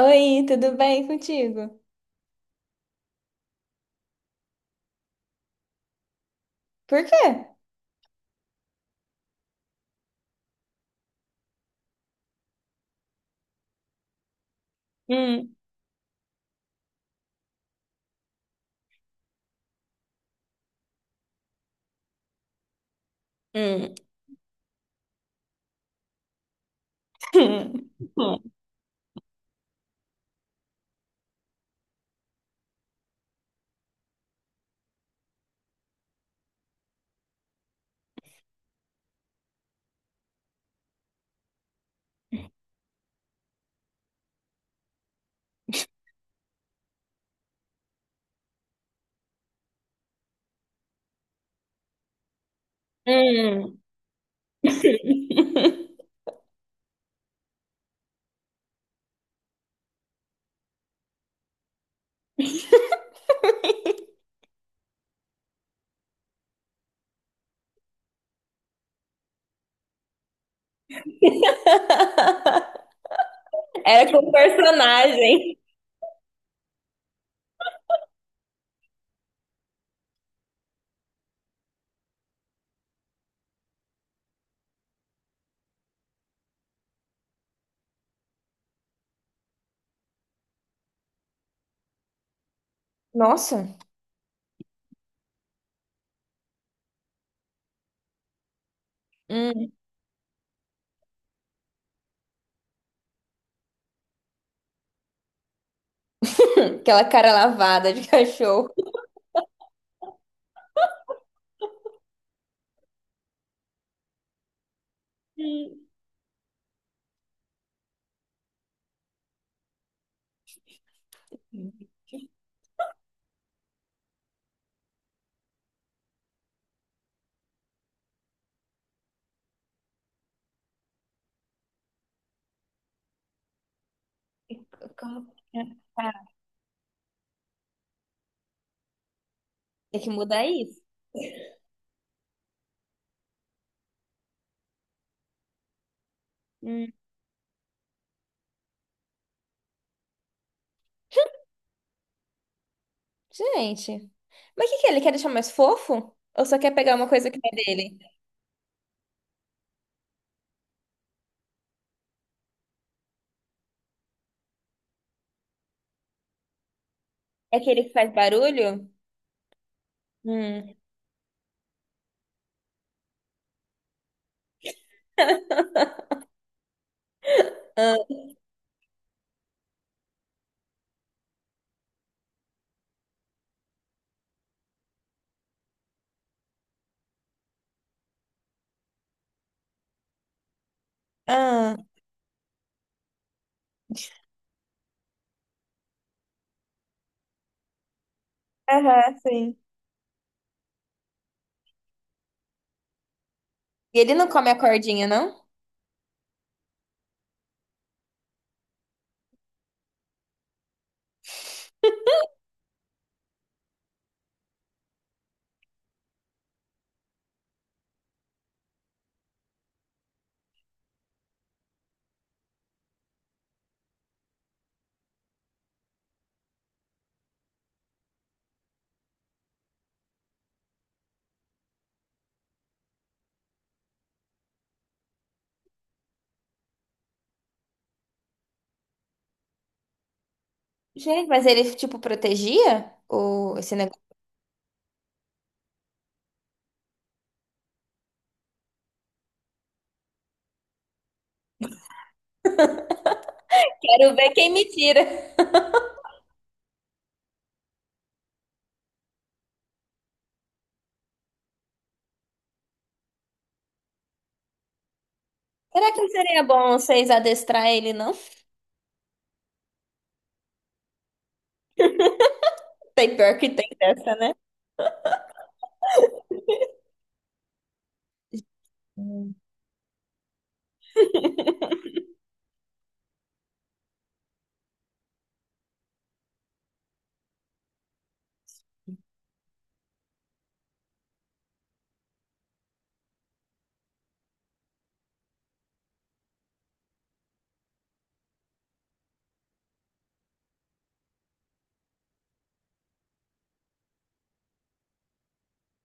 Oi, tudo bem contigo? Por quê? Hum, hum, hum, hum. Hum. Era com personagem. Nossa. Hum. Aquela cara lavada de cachorro. Hum. Como que tá? Tem que mudar isso. Hum. Gente, mas o que que é? Ele quer deixar mais fofo? Ou só quer pegar uma coisa que é dele? É aquele que faz barulho? Hum. Ah, ah. Aham, sim. E ele não come a cordinha, não? Gente, mas ele, tipo, protegia o esse negócio? Quero ver quem me tira. Será que não seria bom vocês adestrar ele, não? Tem pior que tem dessa, né? Hum.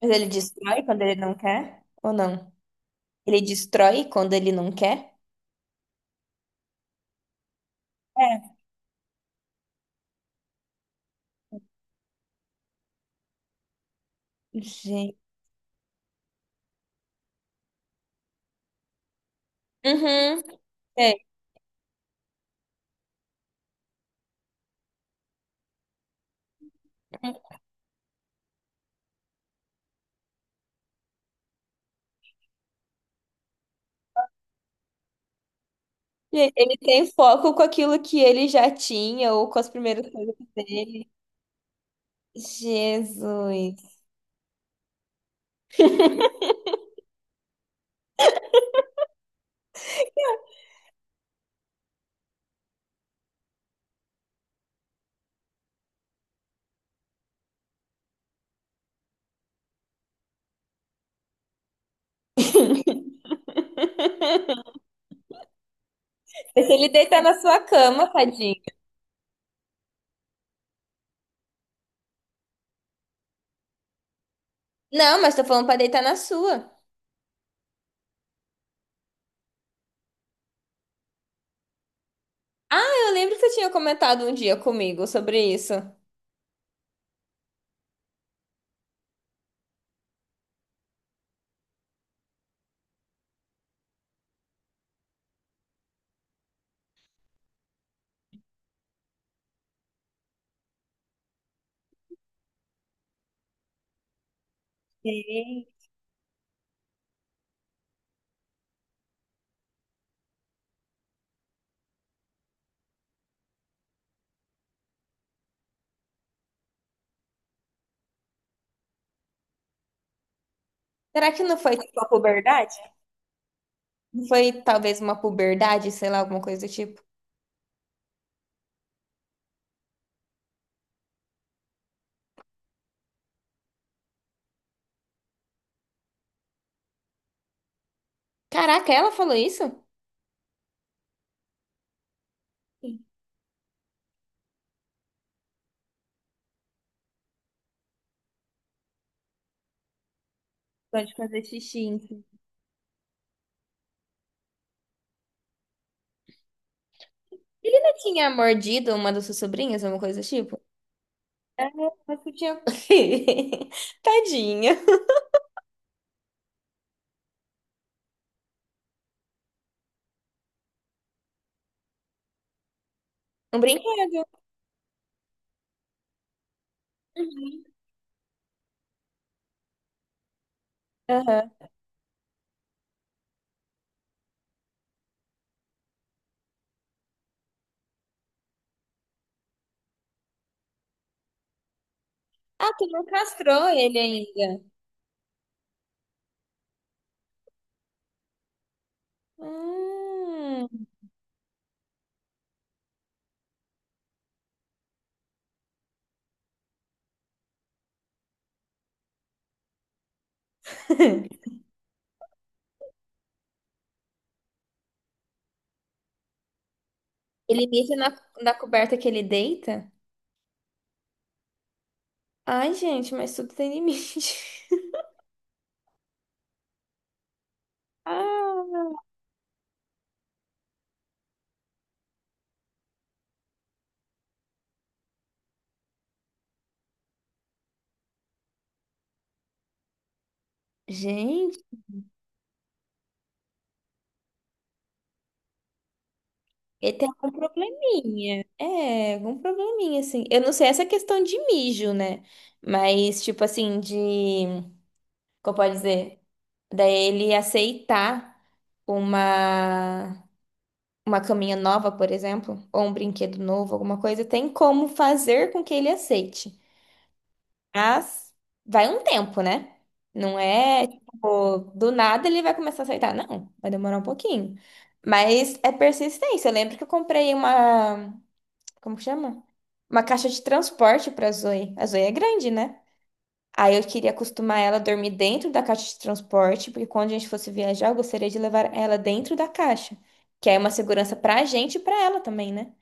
Mas ele destrói quando ele não quer? Ou não? Ele destrói quando ele não quer? É. Gente. Uhum. É. Gente, ele tem foco com aquilo que ele já tinha ou com as primeiras coisas dele. Jesus. Mas se ele deitar na sua cama, tadinho. Não, mas tô falando pra deitar na sua. Eu lembro que você tinha comentado um dia comigo sobre isso. Sim. Será que não foi, Foi sua puberdade? Não foi talvez uma puberdade, sei lá, alguma coisa do tipo? Caraca, ela falou isso? Sim. Pode fazer xixi, enfim. Ele não tinha mordido uma das suas sobrinhas, alguma coisa do tipo? É, mas tu tinha. Tadinha. Um brinquedo. Aham. Ah, tu não castrou ele ainda. Hum. Ele mija na, na coberta que ele deita? Ai, gente, mas tudo tem limite. Ah, gente, ele tem algum probleminha. É, algum probleminha, assim. Eu não sei essa questão de mijo, né? Mas, tipo assim, de. Como pode dizer? Daí ele aceitar uma. Uma caminha nova, por exemplo, ou um brinquedo novo, alguma coisa, tem como fazer com que ele aceite. Mas vai um tempo, né? Não é, tipo, do nada ele vai começar a aceitar. Não, vai demorar um pouquinho. Mas é persistência. Eu lembro que eu comprei uma, como que chama? Uma caixa de transporte pra Zoe. A Zoe é grande, né? Aí eu queria acostumar ela a dormir dentro da caixa de transporte, porque quando a gente fosse viajar, eu gostaria de levar ela dentro da caixa, que é uma segurança pra gente e pra ela também, né?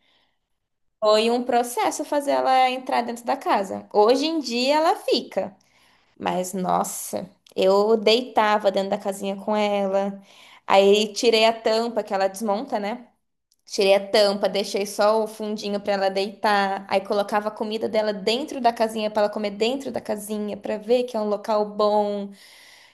Foi um processo fazer ela entrar dentro da casa. Hoje em dia ela fica. Mas nossa, eu deitava dentro da casinha com ela. Aí tirei a tampa que ela desmonta, né? Tirei a tampa, deixei só o fundinho pra ela deitar. Aí colocava a comida dela dentro da casinha pra ela comer dentro da casinha, pra ver que é um local bom.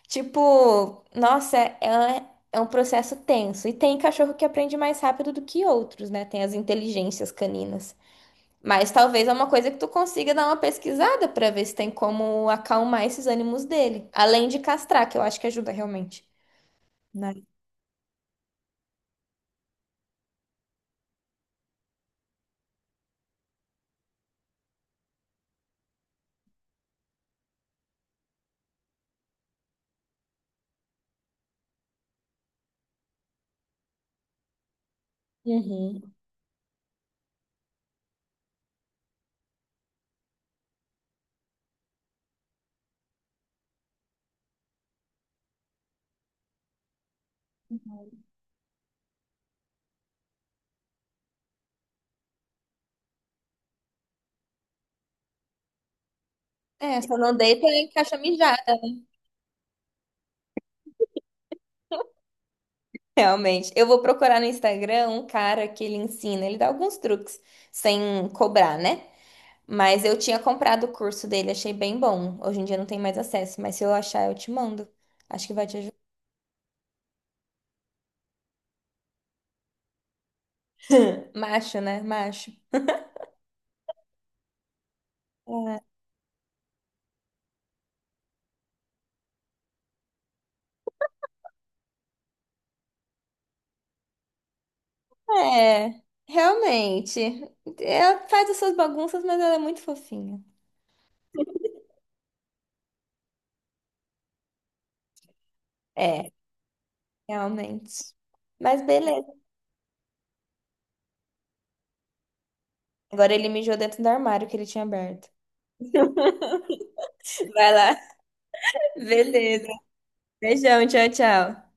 Tipo, nossa, é um processo tenso. E tem cachorro que aprende mais rápido do que outros, né? Tem as inteligências caninas. Mas talvez é uma coisa que tu consiga dar uma pesquisada pra ver se tem como acalmar esses ânimos dele. Além de castrar, que eu acho que ajuda realmente, né? Uhum. É, só não deita em caixa mijada. Realmente. Eu vou procurar no Instagram um cara que ele ensina, ele dá alguns truques sem cobrar, né? Mas eu tinha comprado o curso dele, achei bem bom. Hoje em dia não tem mais acesso, mas se eu achar, eu te mando. Acho que vai te ajudar. Macho, né? Macho. É, realmente. Ela faz as suas bagunças, mas ela é muito fofinha. É, realmente. Mas beleza. Agora ele mijou dentro do armário que ele tinha aberto. Vai lá. Beleza. Beijão, tchau, tchau.